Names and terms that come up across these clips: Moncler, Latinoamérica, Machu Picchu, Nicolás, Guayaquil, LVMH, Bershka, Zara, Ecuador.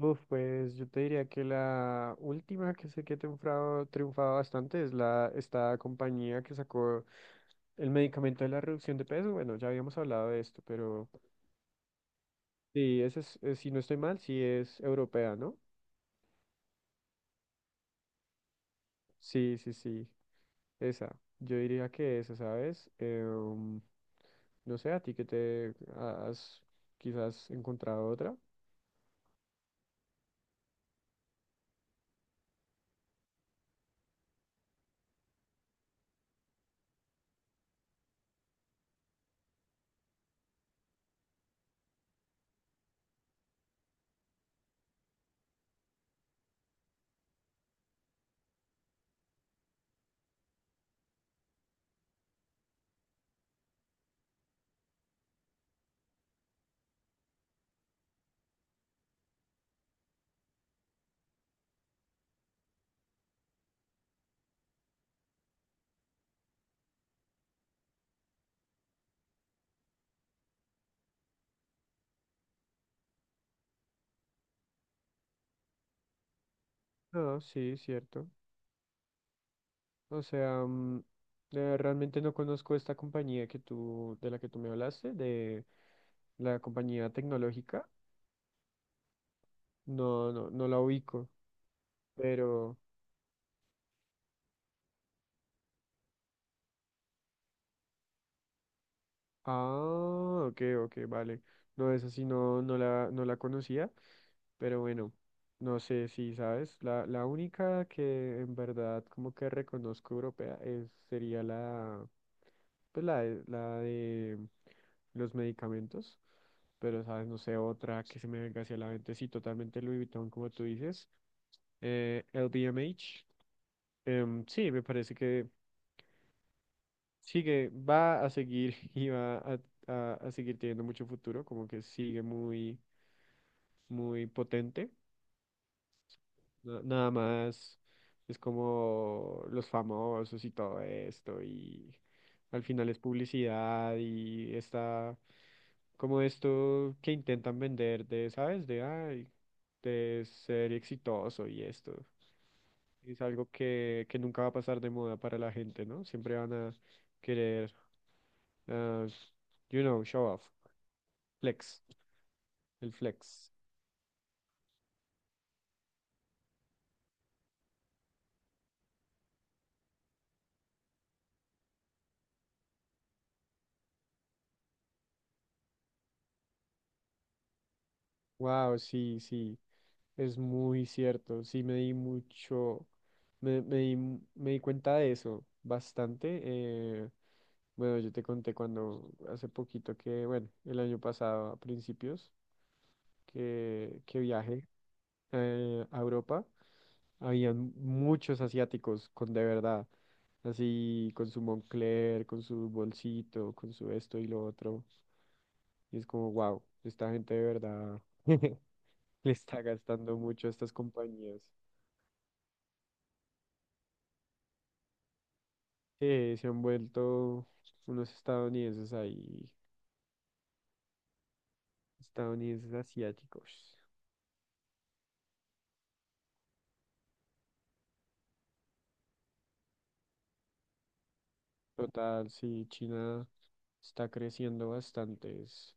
Uf, pues yo te diría que la última que sé que ha triunfado, triunfado bastante es la esta compañía que sacó el medicamento de la reducción de peso. Bueno, ya habíamos hablado de esto, pero sí, esa es, si no estoy mal, sí es europea, ¿no? Sí, sí, sí, esa. Yo diría que esa, ¿sabes? No sé, a ti que te has quizás encontrado otra. No, sí, cierto. O sea, realmente no conozco esta compañía que tú, de la que tú me hablaste, de la compañía tecnológica. No, no, la ubico, pero... Ah, ok, ok, vale. No, esa sí no, no la conocía, pero bueno, no sé si sabes. La única que en verdad como que reconozco europea es, sería la... pues la de los medicamentos, pero sabes, no sé, otra que se me venga hacia la mente, sí, totalmente Louis Vuitton, como tú dices, LVMH, sí, me parece que sigue, va a seguir y va a, a seguir teniendo mucho futuro, como que sigue muy, muy potente. Nada más es como los famosos y todo esto y al final es publicidad y está como esto que intentan vender de, ¿sabes? De, ay, de ser exitoso y esto. Es algo que nunca va a pasar de moda para la gente, ¿no? Siempre van a querer, ah, you know, show off, flex, el flex. Wow, sí, sí, es muy cierto. Sí, me di mucho, me di cuenta de eso bastante. Bueno, yo te conté cuando hace poquito que, bueno, el año pasado a principios que viajé a Europa, habían muchos asiáticos con de verdad, así con su Moncler, con su bolsito, con su esto y lo otro. Y es como, wow, esta gente de verdad. le está gastando mucho a estas compañías. Sí, se han vuelto unos estadounidenses ahí, estadounidenses asiáticos. Total, sí, China está creciendo bastante.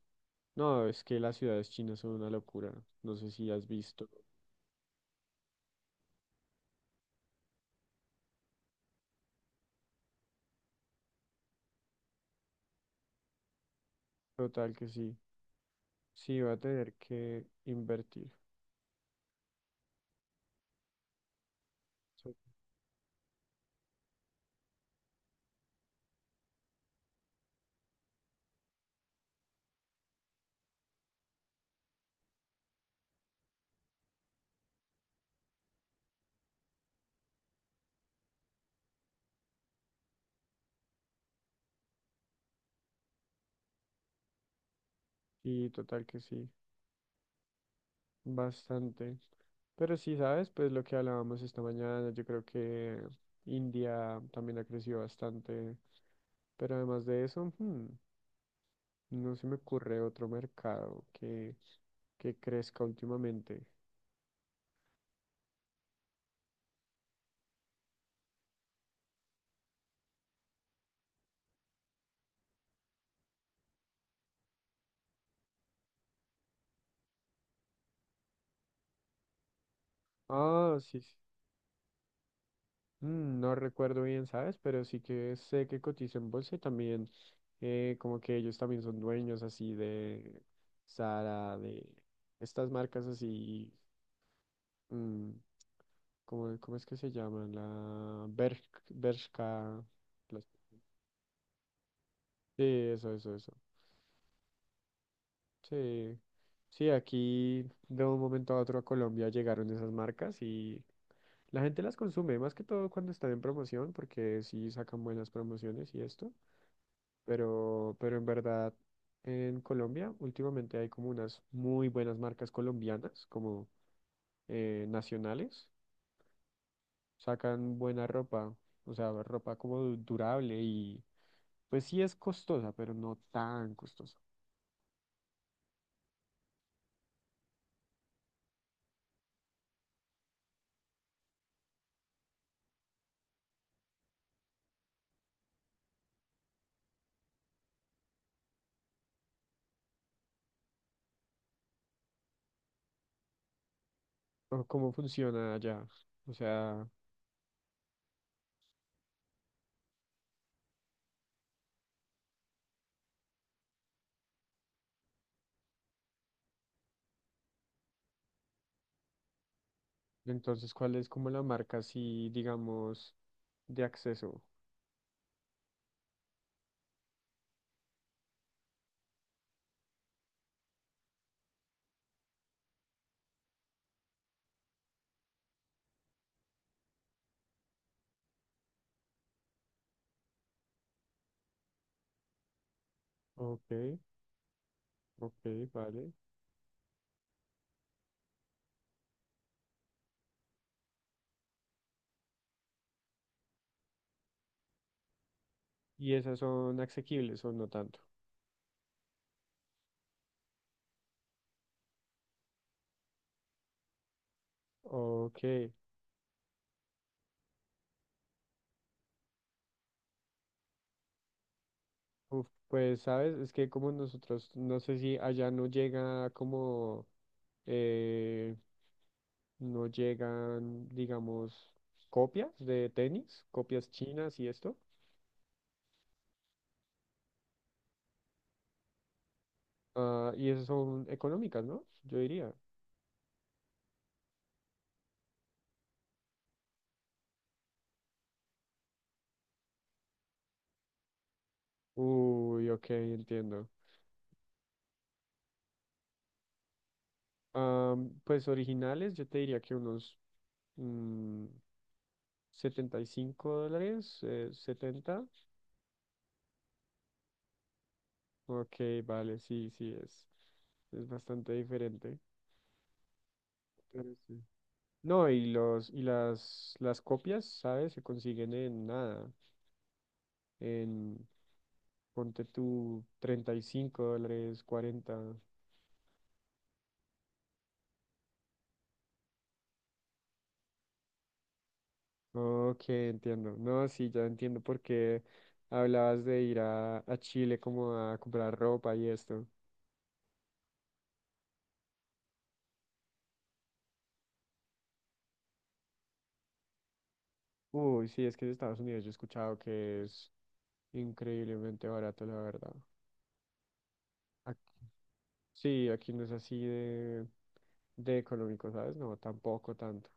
No, es que las ciudades chinas son una locura. No sé si has visto. Total que sí. Sí, va a tener que invertir. so- Sí, total que sí. Bastante. Pero sí, ¿sabes? Pues lo que hablábamos esta mañana, yo creo que India también ha crecido bastante. Pero además de eso, no se me ocurre otro mercado que crezca últimamente. Ah, sí, sí. Mm, no recuerdo bien, ¿sabes? Pero sí que sé que cotiza en bolsa y también como que ellos también son dueños así de Zara, de estas marcas así, mm, ¿cómo, cómo es que se llaman? Bershka. las- Sí, eso, eso, eso. Sí, sí, aquí de un momento a otro a Colombia llegaron esas marcas y la gente las consume, más que todo cuando están en promoción, porque sí sacan buenas promociones y esto, pero en verdad en Colombia últimamente hay como unas muy buenas marcas colombianas, como nacionales, sacan buena ropa, o sea, ropa como durable y pues sí es costosa, pero no tan costosa. O ¿cómo funciona allá? O sea... Entonces, ¿cuál es como la marca así, digamos, de acceso? Ok, ok, vale. ¿Y esas son asequibles o no tanto? Ok, uf, pues sabes, es que como nosotros, no sé si allá no llega como, eh, no llegan, digamos, copias de tenis, copias chinas y esto. Ah, y esas son económicas, ¿no? Yo diría. Uy, ok, entiendo. Ah, pues originales, yo te diría que unos mm, $75, 70. Ok, vale, sí, sí, es bastante diferente. Pero sí. No, y los, las copias, ¿sabes? Se consiguen en nada. En, ponte tú $35, 40. Ok, entiendo. No, sí, ya entiendo por qué hablabas de ir a Chile como a comprar ropa y esto. Uy, sí, es que en Estados Unidos yo he escuchado que es increíblemente barato, la verdad. Ac- sí, aquí no es así de económico, ¿sabes? No, tampoco tanto.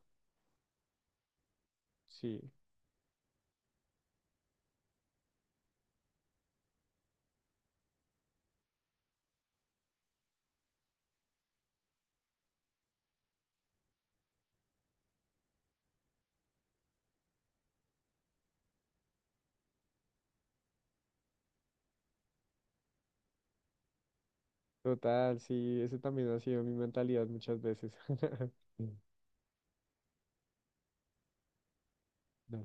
Sí, total, sí, eso también ha sido mi mentalidad muchas veces. No.